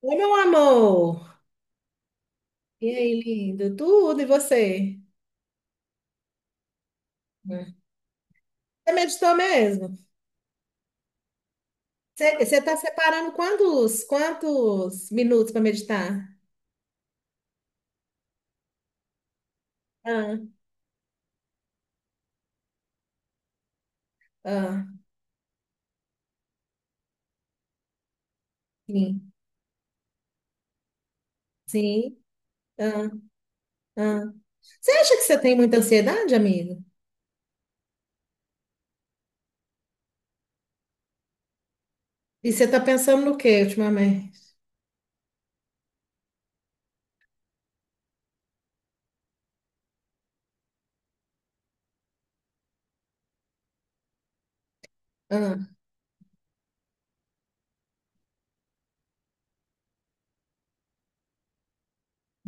Oi, meu amor. E aí, lindo? Tudo, e você? Né? Você meditou mesmo? Você está separando quantos minutos para meditar? Ah, ah. Sim, sim. Ah, ah. Você acha que você tem muita ansiedade, amigo? E você está pensando no quê ultimamente? Ah,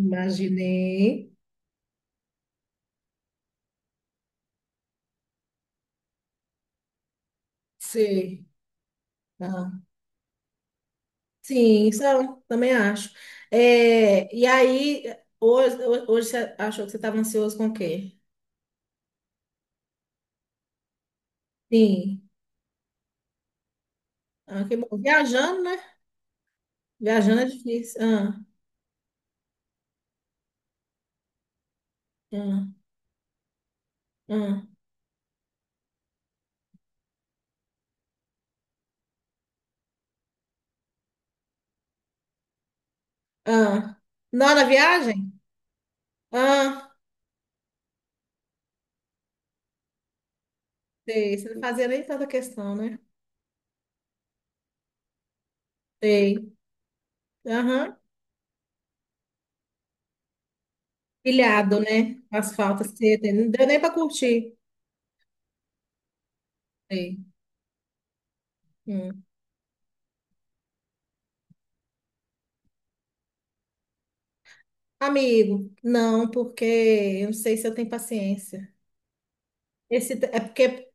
imaginei. Sei. Ah, sim, isso eu também acho. É, e aí, hoje, hoje você achou que você estava ansioso com o quê? Sim. Ah, que bom. Viajando, né? Viajando é difícil. Ah, ah, ah, ah. Não, na viagem? Ah, sei. Você não fazia nem tanta questão, né? Sei. Aham. Pilhado, né? Asfalto, seta. Não deu nem pra curtir. Sei. Hum. Amigo, não, porque eu não sei se eu tenho paciência. Esse, é porque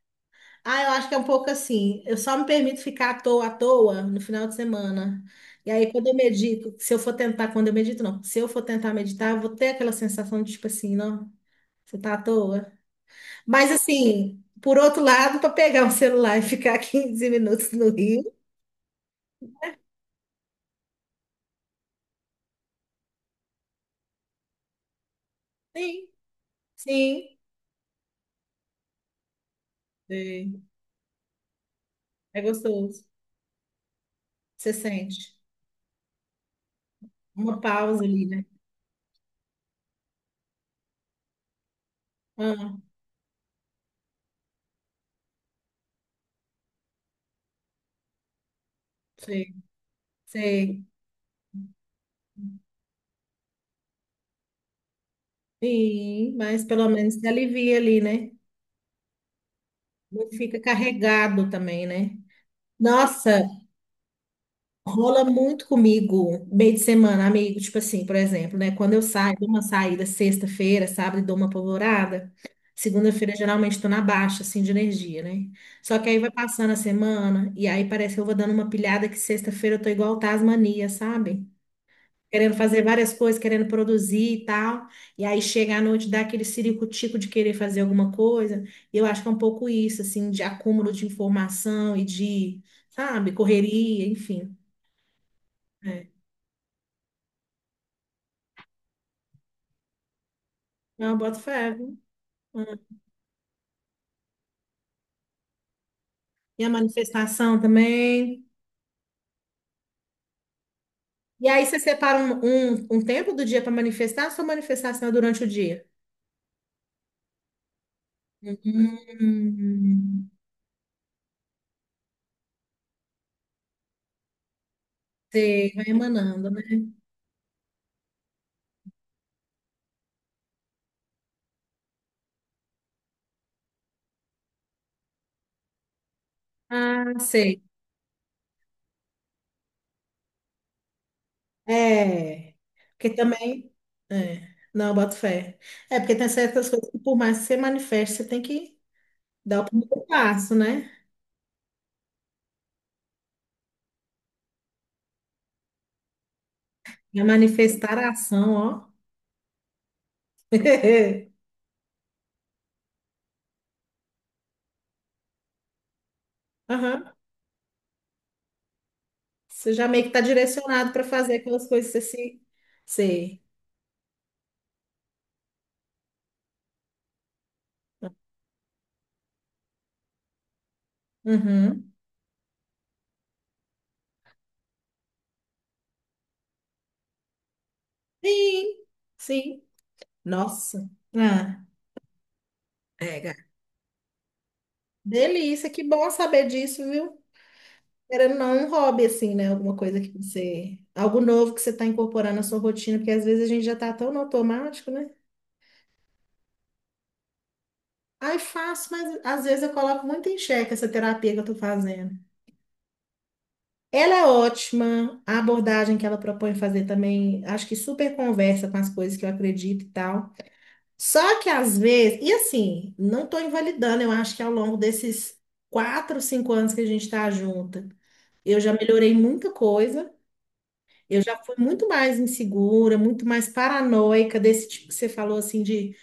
ah, eu acho que é um pouco assim. Eu só me permito ficar à toa no final de semana. E aí, quando eu medito, se eu for tentar, quando eu medito, não, se eu for tentar meditar, eu vou ter aquela sensação de tipo assim, não, você tá à toa. Mas assim, por outro lado, para pegar o celular e ficar quinze minutos no Rio, sim, sim, sim. É gostoso. Você sente uma pausa ali, né? Ah, sei, sei. Sim, mas pelo menos se alivia ali, né? Não fica carregado também, né? Nossa, rola muito comigo meio de semana, amigo. Tipo assim, por exemplo, né? Quando eu saio, dou uma saída sexta-feira, sábado, e dou uma polvorada. Segunda-feira, geralmente, tô na baixa, assim, de energia, né? Só que aí vai passando a semana, e aí parece que eu vou dando uma pilhada que sexta-feira eu tô igual Tasmania, sabe? Querendo fazer várias coisas, querendo produzir e tal. E aí chega à noite, dá aquele ciricutico de querer fazer alguma coisa. E eu acho que é um pouco isso, assim, de acúmulo de informação e de sabe, correria, enfim. É. Eu boto fé, viu? Hum. E a manifestação também. E aí você separa um tempo do dia para manifestar, ou sua manifestação é durante o dia? Hum, sei, vai emanando, né? Ah, sei. É. Porque também. É. Não, eu boto fé. É, porque tem certas coisas que, por mais que você manifeste, você tem que dar o primeiro passo, né? E a manifestar a ação, ó. Aham. Você já meio que tá direcionado para fazer aquelas coisas que você se. Sei. Uhum. Sim, sim. Nossa. Ah, é, gata, delícia, que bom saber disso, viu? Querendo ou não, um hobby, assim, né? Alguma coisa que você. Algo novo que você está incorporando na sua rotina, porque às vezes a gente já tá tão no automático, né? Ai, faço, mas às vezes eu coloco muito em xeque essa terapia que eu tô fazendo. Ela é ótima, a abordagem que ela propõe fazer também, acho que super conversa com as coisas que eu acredito e tal. Só que às vezes, e assim, não estou invalidando, eu acho que ao longo desses quatro, cinco anos que a gente está junta, eu já melhorei muita coisa, eu já fui muito mais insegura, muito mais paranoica, desse tipo que você falou assim, de,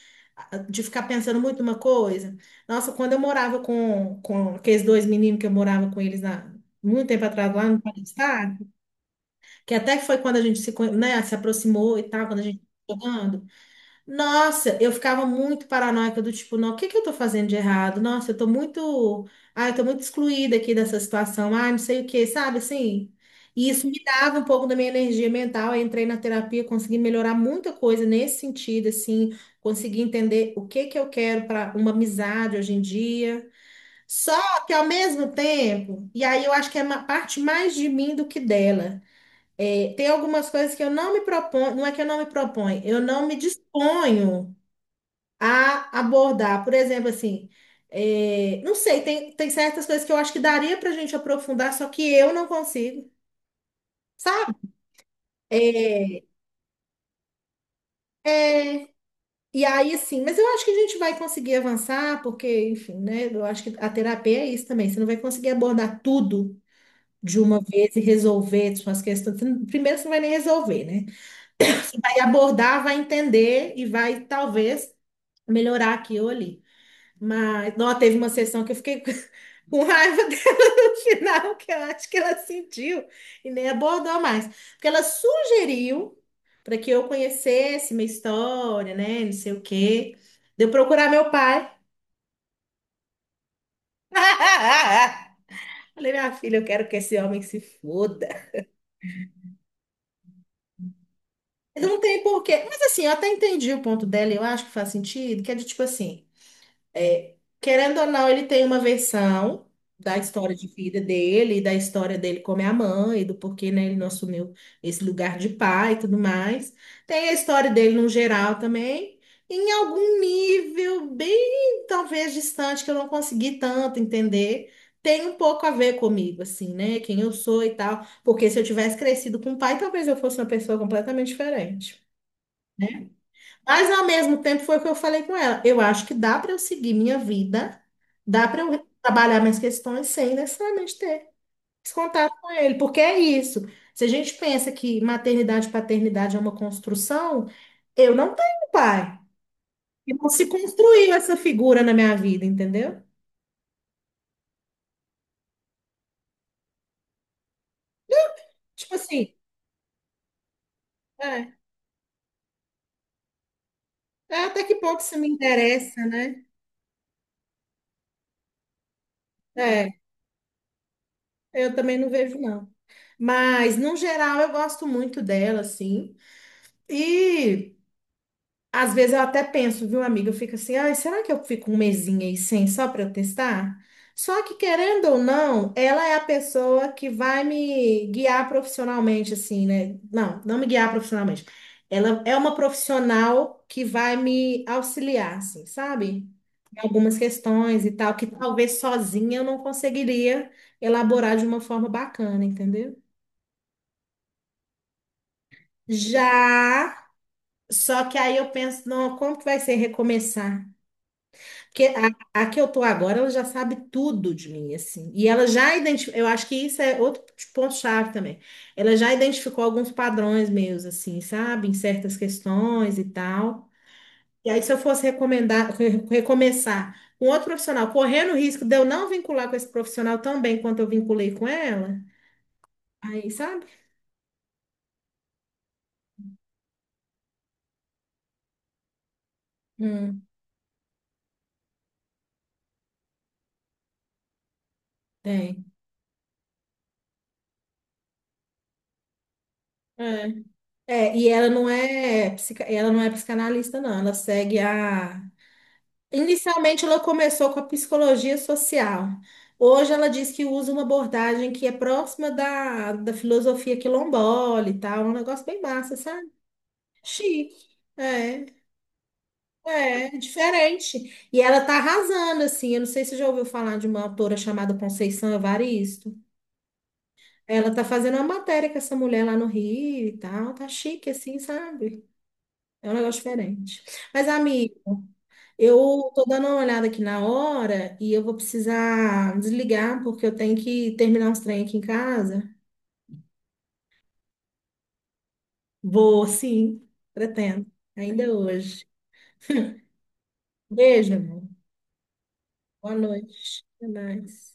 de ficar pensando muito uma coisa. Nossa, quando eu morava com aqueles dois meninos que eu morava com eles na, muito tempo atrás lá no Palestado, que até que foi quando a gente se, né, se aproximou e tal, quando a gente jogando. Nossa, eu ficava muito paranoica do tipo, não, o que que eu tô fazendo de errado? Nossa, eu tô muito, ah, eu tô muito excluída aqui dessa situação. Ah, não sei o que, sabe assim? E isso me dava um pouco da minha energia mental. Eu entrei na terapia, consegui melhorar muita coisa nesse sentido, assim, consegui entender o que que eu quero para uma amizade hoje em dia. Só que ao mesmo tempo, e aí eu acho que é uma parte mais de mim do que dela. É, tem algumas coisas que eu não me proponho, não é que eu não me proponho, eu não me disponho a abordar. Por exemplo, assim, é, não sei, tem certas coisas que eu acho que daria pra gente aprofundar, só que eu não consigo, sabe? É, e aí, assim, mas eu acho que a gente vai conseguir avançar, porque, enfim, né? Eu acho que a terapia é isso também. Você não vai conseguir abordar tudo de uma vez e resolver suas questões. Você não. Primeiro, você não vai nem resolver, né? Vai abordar, vai entender e vai, talvez, melhorar aqui ou ali. Mas, não, teve uma sessão que eu fiquei com raiva dela no final, que eu acho que ela sentiu e nem abordou mais. Porque ela sugeriu para que eu conhecesse minha história, né? Não sei o quê. De eu procurar meu pai. Falei, minha filha, eu quero que esse homem se foda. Não tem porquê. Mas assim, eu até entendi o ponto dela, e eu acho que faz sentido, que é de tipo assim. É, querendo ou não, ele tem uma versão da história de vida dele, e da história dele como é a mãe, do porquê, né, ele não assumiu esse lugar de pai e tudo mais. Tem a história dele no geral também, em algum nível bem, talvez, distante, que eu não consegui tanto entender. Tem um pouco a ver comigo, assim, né? Quem eu sou e tal. Porque se eu tivesse crescido com o pai, talvez eu fosse uma pessoa completamente diferente, né? Mas ao mesmo tempo foi o que eu falei com ela. Eu acho que dá para eu seguir minha vida, dá para eu trabalhar minhas questões sem necessariamente ter esse contato com ele, porque é isso. Se a gente pensa que maternidade e paternidade é uma construção, eu não tenho pai. E não se construiu essa figura na minha vida, entendeu? Tipo assim, é, é até que ponto isso me interessa, né? É, eu também não vejo, não. Mas, no geral, eu gosto muito dela, assim. E. Às vezes eu até penso, viu, amiga? Eu fico assim, ai, será que eu fico um mesinho aí sem só para eu testar? Só que, querendo ou não, ela é a pessoa que vai me guiar profissionalmente, assim, né? Não, não me guiar profissionalmente. Ela é uma profissional que vai me auxiliar, assim, sabe? Em algumas questões e tal, que talvez sozinha eu não conseguiria elaborar de uma forma bacana, entendeu? Já, só que aí eu penso, não, como que vai ser recomeçar? Porque a que eu tô agora, ela já sabe tudo de mim, assim. E ela já identificou, eu acho que isso é outro ponto-chave também. Ela já identificou alguns padrões meus, assim, sabe? Em certas questões e tal. E aí, se eu fosse recomendar, recomeçar com outro profissional, correndo o risco de eu não vincular com esse profissional tão bem quanto eu vinculei com ela, aí, sabe? Hum, tem. É. É, e ela não é, ela não é psicanalista, não. Ela segue a. Inicialmente, ela começou com a psicologia social. Hoje, ela diz que usa uma abordagem que é próxima da, filosofia quilombola e tal, um negócio bem massa, sabe? Chique. É, diferente. E ela tá arrasando, assim. Eu não sei se você já ouviu falar de uma autora chamada Conceição Evaristo. Ela tá fazendo uma matéria com essa mulher lá no Rio e tal. Tá chique, assim, sabe? É um negócio diferente. Mas, amiga. Eu tô dando uma olhada aqui na hora e eu vou precisar desligar porque eu tenho que terminar uns trem aqui em casa. Vou, sim, pretendo, ainda hoje. Beijo, amor. Boa noite. Até mais.